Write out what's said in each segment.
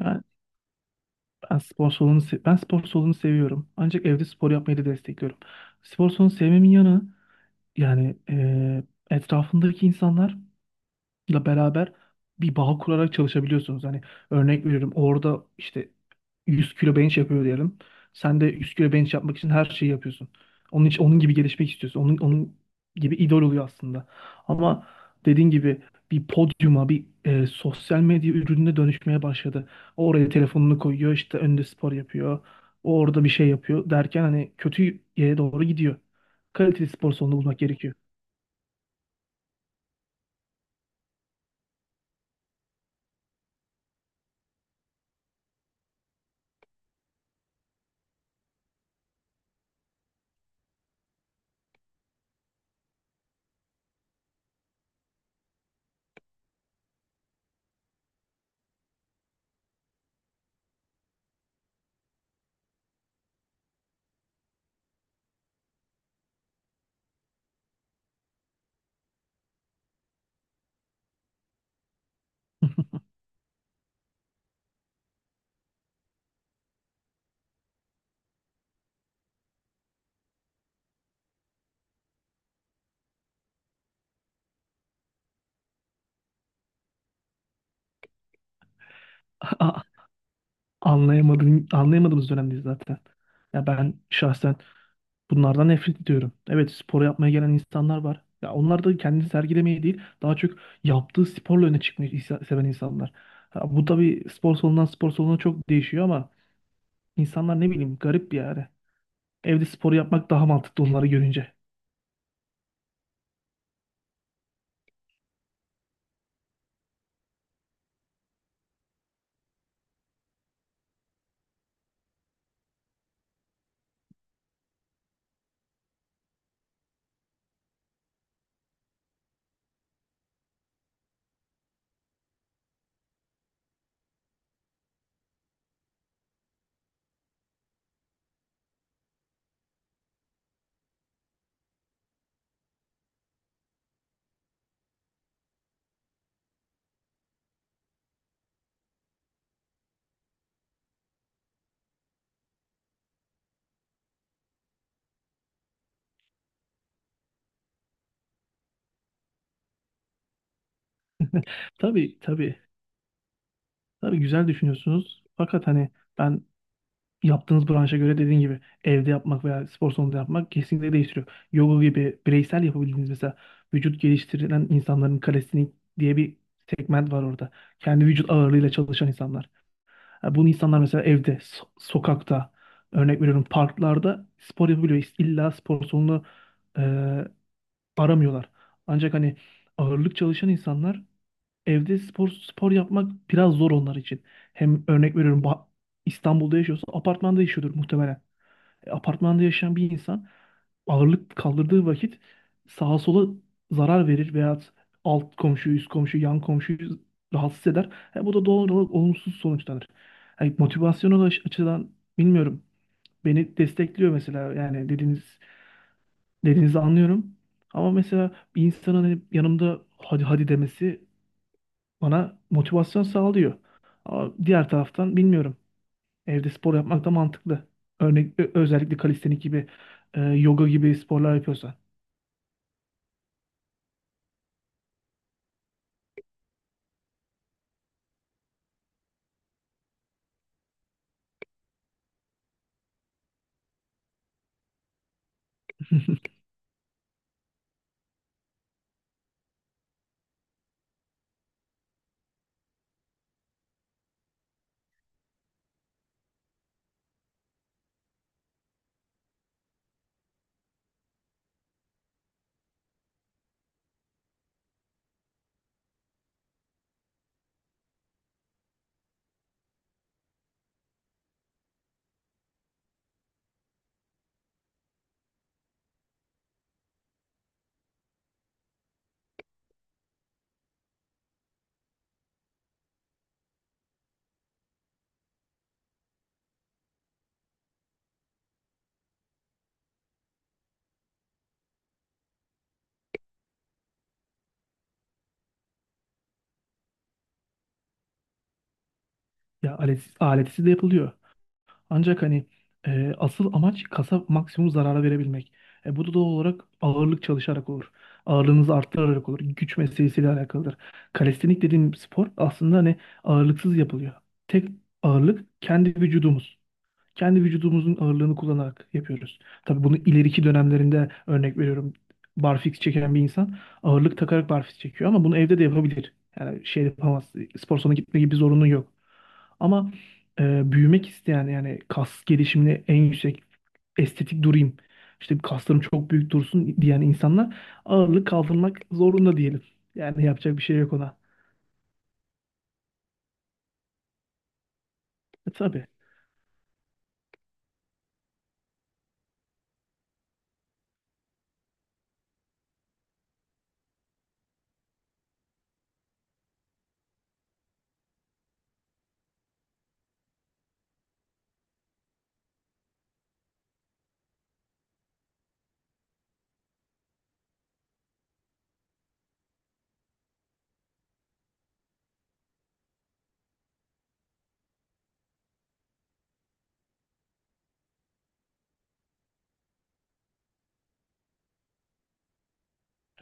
Yani ben spor salonu seviyorum. Ancak evde spor yapmayı da destekliyorum. Spor salonu sevmemin yanı, yani etrafındaki insanlar ile beraber bir bağ kurarak çalışabiliyorsunuz. Hani örnek veriyorum orada işte 100 kilo bench yapıyor diyelim. Sen de 100 kilo bench yapmak için her şeyi yapıyorsun. Onun için onun gibi gelişmek istiyorsun. Onun gibi idol oluyor aslında. Ama dediğin gibi bir podyuma, bir sosyal medya ürününe dönüşmeye başladı. Oraya telefonunu koyuyor, işte önünde spor yapıyor. O orada bir şey yapıyor derken hani kötü yere doğru gidiyor. Kaliteli spor salonu bulmak gerekiyor. Anlayamadığımız dönemdeyiz zaten. Ya ben şahsen bunlardan nefret ediyorum. Evet, spor yapmaya gelen insanlar var. Ya onlar da kendini sergilemeye değil, daha çok yaptığı sporla öne çıkmayı seven insanlar. Ha, bu tabii spor salonundan spor salonuna çok değişiyor ama insanlar ne bileyim garip bir yani. Evde spor yapmak daha mantıklı onları görünce. Tabii, tabii. Tabii güzel düşünüyorsunuz. Fakat hani ben yaptığınız branşa göre dediğin gibi evde yapmak veya spor salonunda yapmak kesinlikle değiştiriyor. Yoga gibi bireysel yapabildiğiniz mesela vücut geliştirilen insanların kalesini diye bir segment var orada. Kendi vücut ağırlığıyla çalışan insanlar. Ha, bunu insanlar mesela evde, sokakta, örnek veriyorum parklarda spor yapabiliyor. İlla spor salonu e, aramıyorlar. Ancak hani ağırlık çalışan insanlar evde spor yapmak biraz zor onlar için. Hem örnek veriyorum İstanbul'da yaşıyorsa apartmanda yaşıyordur muhtemelen. Apartmanda yaşayan bir insan ağırlık kaldırdığı vakit sağa sola zarar verir veya alt komşuyu, üst komşuyu, yan komşuyu rahatsız eder. Bu da doğal olarak olumsuz sonuçlanır. Yani motivasyonel açıdan bilmiyorum. Beni destekliyor mesela, yani dediğinizi anlıyorum. Ama mesela bir insanın hani yanımda hadi hadi demesi bana motivasyon sağlıyor. Ama diğer taraftan bilmiyorum. Evde spor yapmak da mantıklı. Özellikle kalistenik gibi, yoga gibi sporlar yapıyorsan. Ya aletsiz de yapılıyor. Ancak hani asıl amaç kasa maksimum zarara verebilmek. Bu da doğal olarak ağırlık çalışarak olur. Ağırlığınızı arttırarak olur. Güç meselesiyle alakalıdır. Kalistenik dediğim spor aslında hani ağırlıksız yapılıyor. Tek ağırlık kendi vücudumuz. Kendi vücudumuzun ağırlığını kullanarak yapıyoruz. Tabii bunu ileriki dönemlerinde örnek veriyorum. Barfix çeken bir insan ağırlık takarak barfix çekiyor ama bunu evde de yapabilir. Yani şey yapamaz. Spor salonuna gitme gibi bir zorunlu yok. Ama büyümek isteyen, yani kas gelişimini en yüksek estetik durayım. İşte kaslarım çok büyük dursun diyen insanlar ağırlık kaldırmak zorunda diyelim. Yani yapacak bir şey yok ona. Tabii.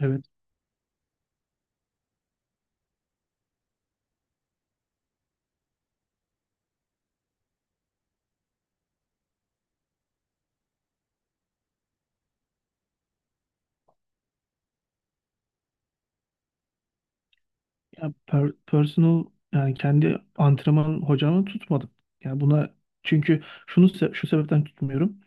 Evet. Ya personal, yani kendi antrenman hocamı tutmadım. Yani buna, çünkü şu sebepten tutmuyorum.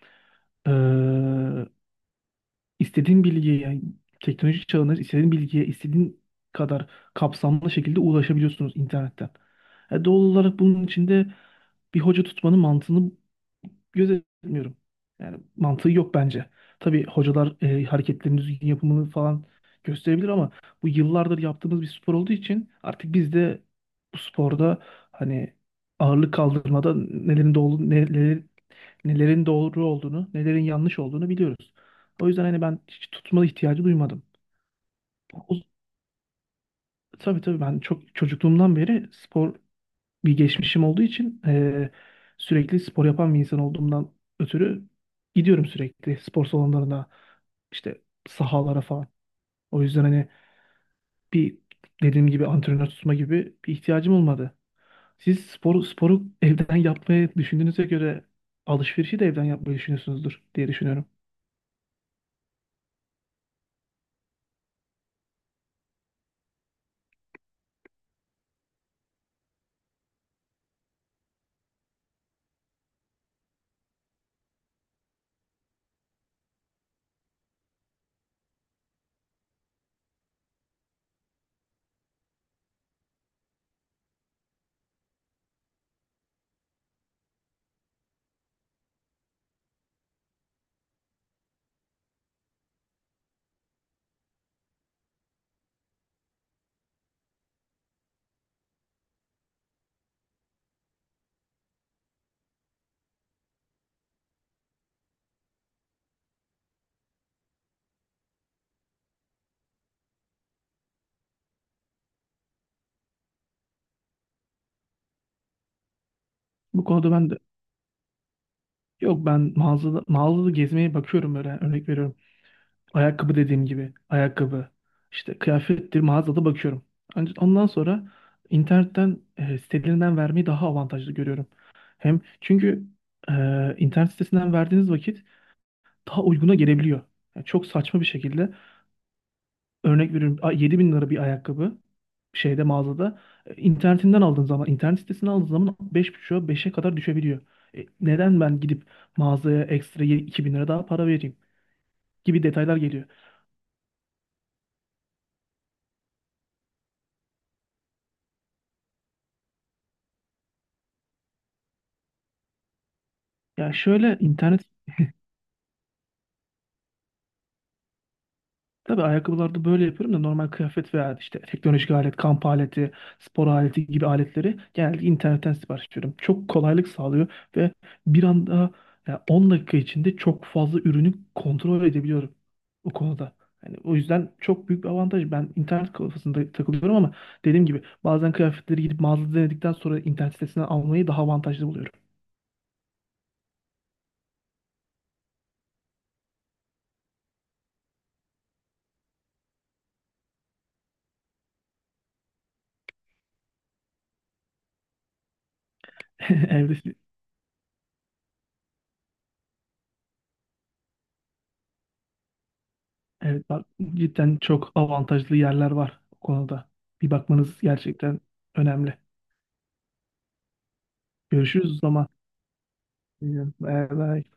İstediğin bilgiye, yani teknoloji çağında istediğin bilgiye istediğin kadar kapsamlı şekilde ulaşabiliyorsunuz internetten. Doğal olarak bunun içinde bir hoca tutmanın mantığını gözetmiyorum. Yani mantığı yok bence. Tabii hocalar hareketlerin düzgün yapımını falan gösterebilir ama bu yıllardır yaptığımız bir spor olduğu için artık biz de bu sporda hani ağırlık kaldırmada nelerin doğru olduğunu, nelerin yanlış olduğunu biliyoruz. O yüzden hani ben hiç tutma ihtiyacı duymadım. O, tabii tabii, ben çok çocukluğumdan beri spor bir geçmişim olduğu için sürekli spor yapan bir insan olduğumdan ötürü gidiyorum sürekli spor salonlarına, işte sahalara falan. O yüzden hani bir dediğim gibi antrenör tutma gibi bir ihtiyacım olmadı. Siz sporu evden yapmayı düşündüğünüze göre alışverişi de evden yapmayı düşünüyorsunuzdur diye düşünüyorum. Bu konuda ben de Yok, ben mağazada gezmeye bakıyorum böyle. Yani örnek veriyorum. Ayakkabı, dediğim gibi ayakkabı işte kıyafettir, mağazada bakıyorum. Ancak ondan sonra internetten sitelerinden vermeyi daha avantajlı görüyorum. Hem çünkü e, internet sitesinden verdiğiniz vakit daha uyguna gelebiliyor. Yani çok saçma bir şekilde. Örnek veriyorum, 7.000 lira bir ayakkabı şeyde, mağazada, internetinden aldığın zaman, internet sitesinden aldığın zaman 5,5'a beşe kadar düşebiliyor. Neden ben gidip mağazaya ekstra 2.000 lira daha para vereyim gibi detaylar geliyor. Ya şöyle internet Tabii ayakkabılarda böyle yapıyorum da normal kıyafet veya işte teknolojik alet, kamp aleti, spor aleti gibi aletleri genelde internetten sipariş veriyorum. Çok kolaylık sağlıyor ve bir anda yani 10 dakika içinde çok fazla ürünü kontrol edebiliyorum o konuda. Yani o yüzden çok büyük bir avantaj. Ben internet kafasında takılıyorum ama dediğim gibi bazen kıyafetleri gidip mağazada denedikten sonra internet sitesinden almayı daha avantajlı buluyorum. Evde Evet, bak, cidden çok avantajlı yerler var bu konuda. Bir bakmanız gerçekten önemli. Görüşürüz o zaman. Bye bye.